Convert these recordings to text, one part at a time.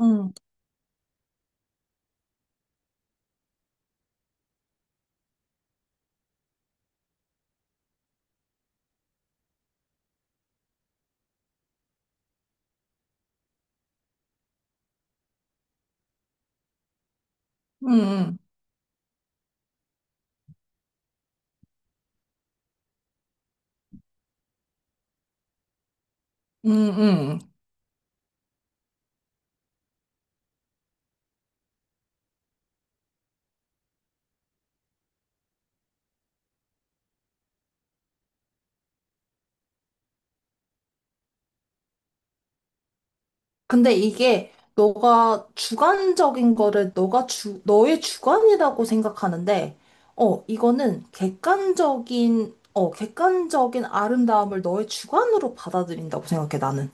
응, 응, 응, 응, 응. 근데 이게 너가 주관적인 거를 너의 주관이라고 생각하는데, 어, 이거는 객관적인 아름다움을 너의 주관으로 받아들인다고 생각해, 나는.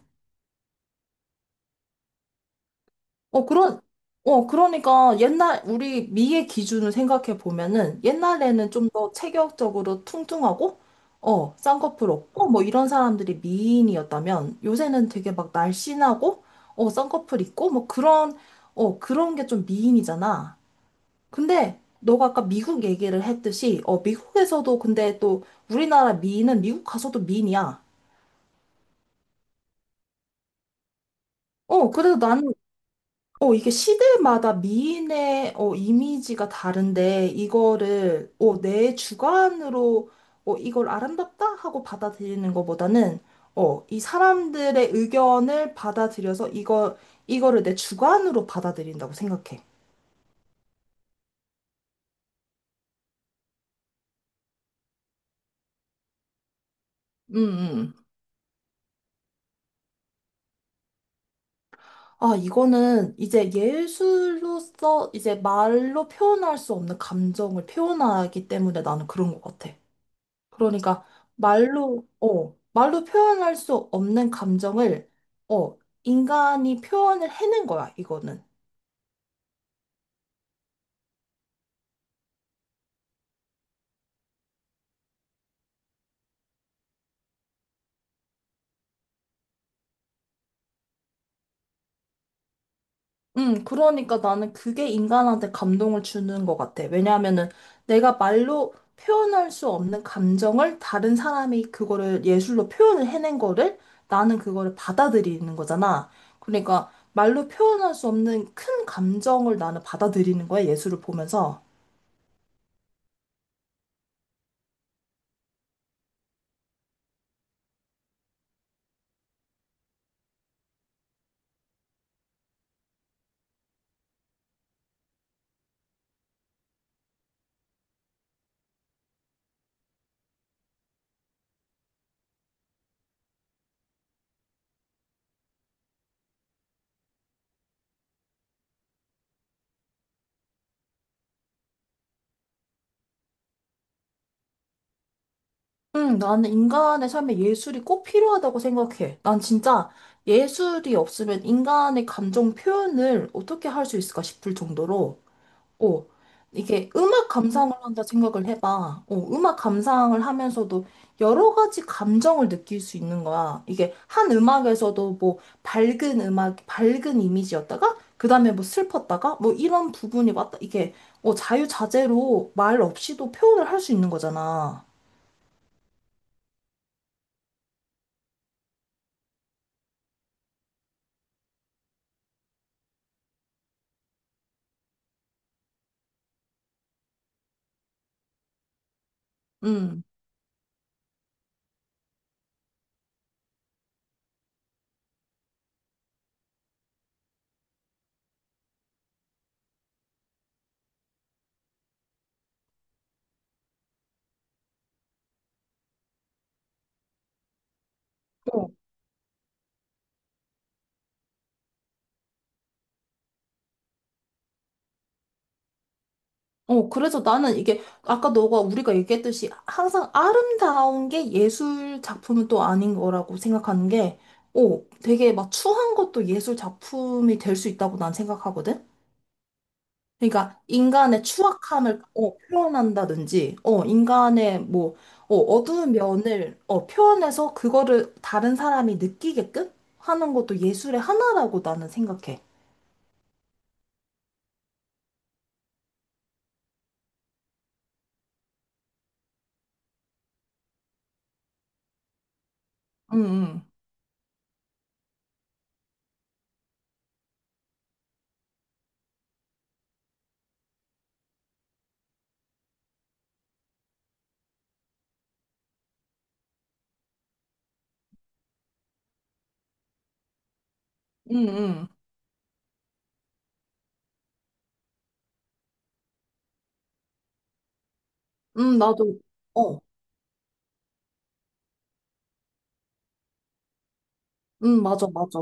어, 그런, 그러니까 옛날, 우리 미의 기준을 생각해 보면은 옛날에는 좀 더 체격적으로 퉁퉁하고, 쌍꺼풀 없고, 뭐 이런 사람들이 미인이었다면 요새는 되게 막 날씬하고, 쌍꺼풀 있고, 그런 게 좀 미인이잖아. 근데 너가 아까 미국 얘기를 했듯이, 미국에서도 근데 또 우리나라 미인은 미국 가서도 미인이야. 그래서 나는 이게 시대마다 미인의 이미지가 다른데, 이거를 내 주관으로 이걸 아름답다 하고 받아들이는 것보다는 이 사람들의 의견을 받아들여서 이거를 내 주관으로 받아들인다고 생각해. 음, 음. 아, 이거는 이제 예술로서 이제 말로 표현할 수 없는 감정을 표현하기 때문에 나는 그런 것 같아. 그러니까 말로 표현할 수 없는 감정을, 어, 인간이 표현을 해낸 거야, 이거는. 그러니까 나는 그게 인간한테 감동을 주는 것 같아. 왜냐하면은 내가 말로 표현할 수 없는 감정을 다른 사람이 그거를 예술로 표현을 해낸 거를 나는 그거를 받아들이는 거잖아. 그러니까 말로 표현할 수 없는 큰 감정을 나는 받아들이는 거야, 예술을 보면서. 응, 나는 인간의 삶에 예술이 꼭 필요하다고 생각해. 난 진짜 예술이 없으면 인간의 감정 표현을 어떻게 할 수 있을까 싶을 정도로, 어, 이게 음악 감상을 한다 생각을 해봐. 음악 감상을 하면서도 여러 가지 감정을 느낄 수 있는 거야. 이게 한 음악에서도 뭐 밝은 음악, 밝은 이미지였다가, 그 다음에 뭐 슬펐다가, 뭐 이런 부분이 왔다. 이게 자유자재로 말 없이도 표현을 할 수 있는 거잖아. 음. 그래서 나는 이게 아까 너가 우리가 얘기했듯이 항상 아름다운 게 예술 작품은 또 아닌 거라고 생각하는 게, 되게 막 추한 것도 예술 작품이 될 수 있다고 난 생각하거든? 그러니까 인간의 추악함을 표현한다든지, 인간의 뭐, 어두운 면을 표현해서 그거를 다른 사람이 느끼게끔 하는 것도 예술의 하나라고 나는 생각해. 응, 응, 응, 응, 응. 나도, 어, 응, 맞아, 맞아.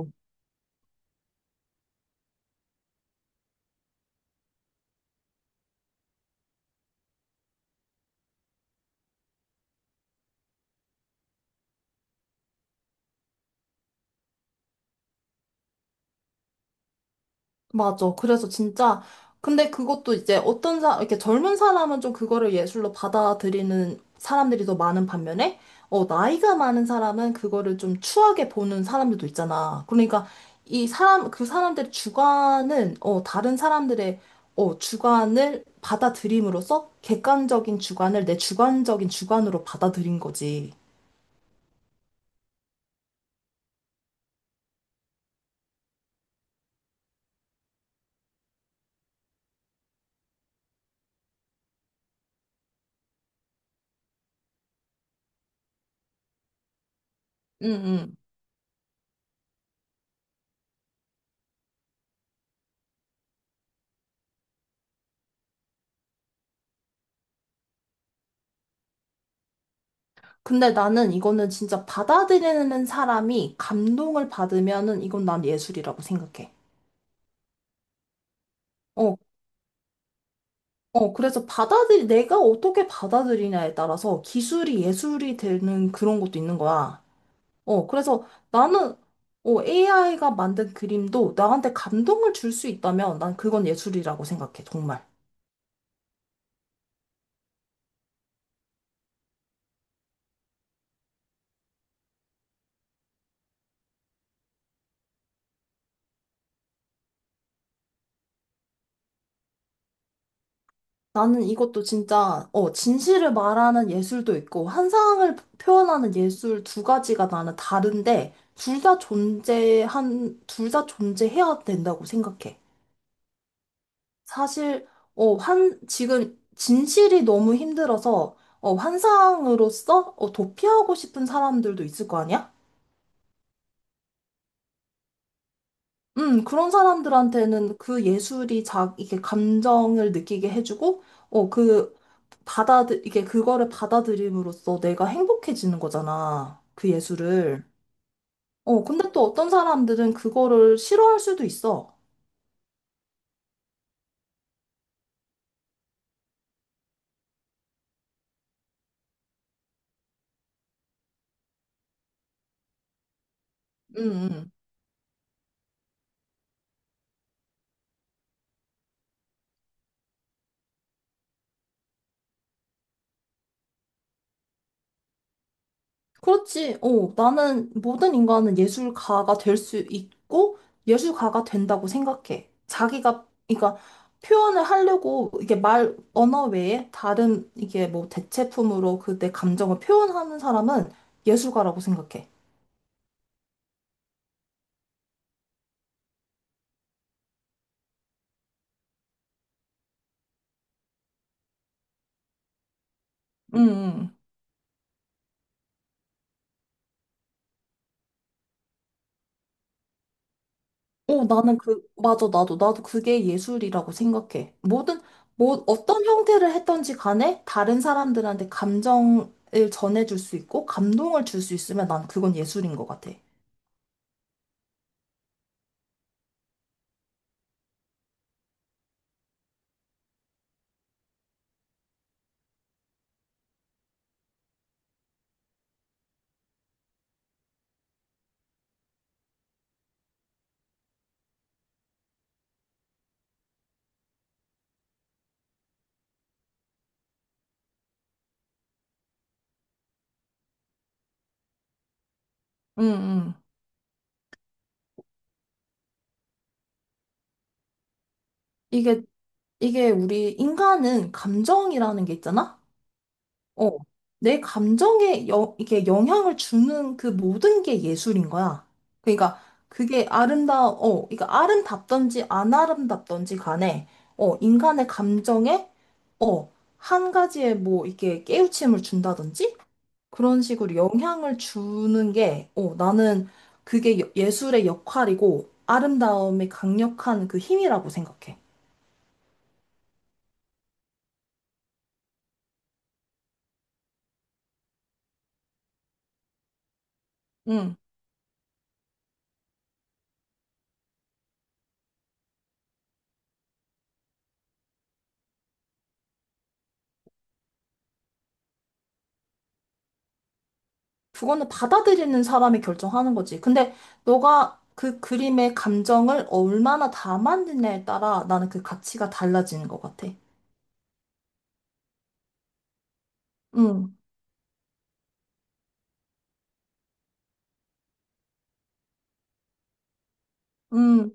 맞아. 그래서 진짜, 근데 그것도 이제 이렇게 젊은 사람은 좀 그거를 예술로 받아들이는 사람들이 더 많은 반면에, 나이가 많은 사람은 그거를 좀 추하게 보는 사람들도 있잖아. 그러니까 그 사람들의 주관은, 다른 사람들의, 주관을 받아들임으로써 객관적인 주관을 내 주관적인 주관으로 받아들인 거지. 응, 응. 근데 나는 이거는 진짜 받아들이는 사람이 감동을 받으면은 이건 난 예술이라고 생각해. 어, 그래서 내가 어떻게 받아들이냐에 따라서 기술이 예술이 되는 그런 것도 있는 거야. 그래서 나는 AI가 만든 그림도 나한테 감동을 줄 수 있다면 난 그건 예술이라고 생각해, 정말. 나는 이것도 진짜, 진실을 말하는 예술도 있고, 환상을 표현하는 예술 두 가지가 나는 다른데, 둘 다 존재해야 된다고 생각해. 사실, 지금 진실이 너무 힘들어서, 환상으로서, 도피하고 싶은 사람들도 있을 거 아니야? 그런 사람들한테는 그 예술이 이게 감정을 느끼게 해주고, 어, 그, 이게 그거를 받아들임으로써 내가 행복해지는 거잖아. 그 예술을. 근데 또 어떤 사람들은 그거를 싫어할 수도 있어. 음, 음. 그렇지. 나는 모든 인간은 예술가가 될 수 있고 예술가가 된다고 생각해. 자기가 그러니까 표현을 하려고 이게 말 언어 외에 다른 이게 뭐 대체품으로 그 내 감정을 표현하는 사람은 예술가라고 생각해. 응, 응. 나는 그 맞아. 나도 그게 예술이라고 생각해. 모든 뭐 어떤 형태를 했던지 간에 다른 사람들한테 감정을 전해줄 수 있고 감동을 줄 수 있으면 난 그건 예술인 것 같아. 응, 응. 이게, 이게 우리 인간은 감정이라는 게 있잖아? 어. 내 감정에 이게 영향을 주는 그 모든 게 예술인 거야. 그러니까 그러니까 아름답던지 안 아름답던지 간에, 인간의 감정에, 어, 한 가지에 뭐 이렇게 깨우침을 준다든지? 그런 식으로 영향을 주는 게, 나는 그게 예술의 역할이고 아름다움의 강력한 그 힘이라고 생각해. 응. 그거는 받아들이는 사람이 결정하는 거지. 근데 너가 그 그림의 감정을 얼마나 담았느냐에 따라 나는 그 가치가 달라지는 것 같아. 응, 응,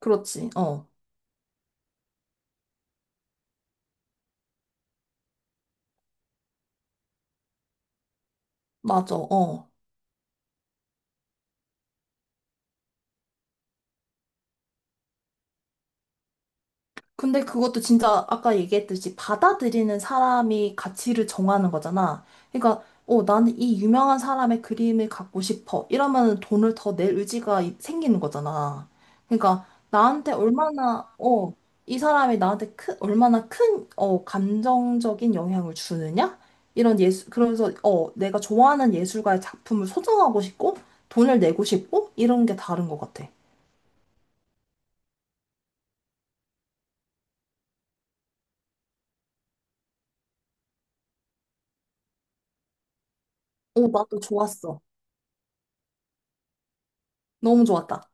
그렇지. 어, 맞아. 어. 근데 그것도 진짜 아까 얘기했듯이 받아들이는 사람이 가치를 정하는 거잖아. 그러니까, 나는 이 유명한 사람의 그림을 갖고 싶어. 이러면 돈을 더 낼 의지가 생기는 거잖아. 그러니까, 나한테 얼마나, 이 사람이 얼마나 큰, 감정적인 영향을 주느냐? 그래서, 내가 좋아하는 예술가의 작품을 소장하고 싶고, 돈을 내고 싶고, 이런 게 다른 것 같아. 나도 좋았어. 너무 좋았다.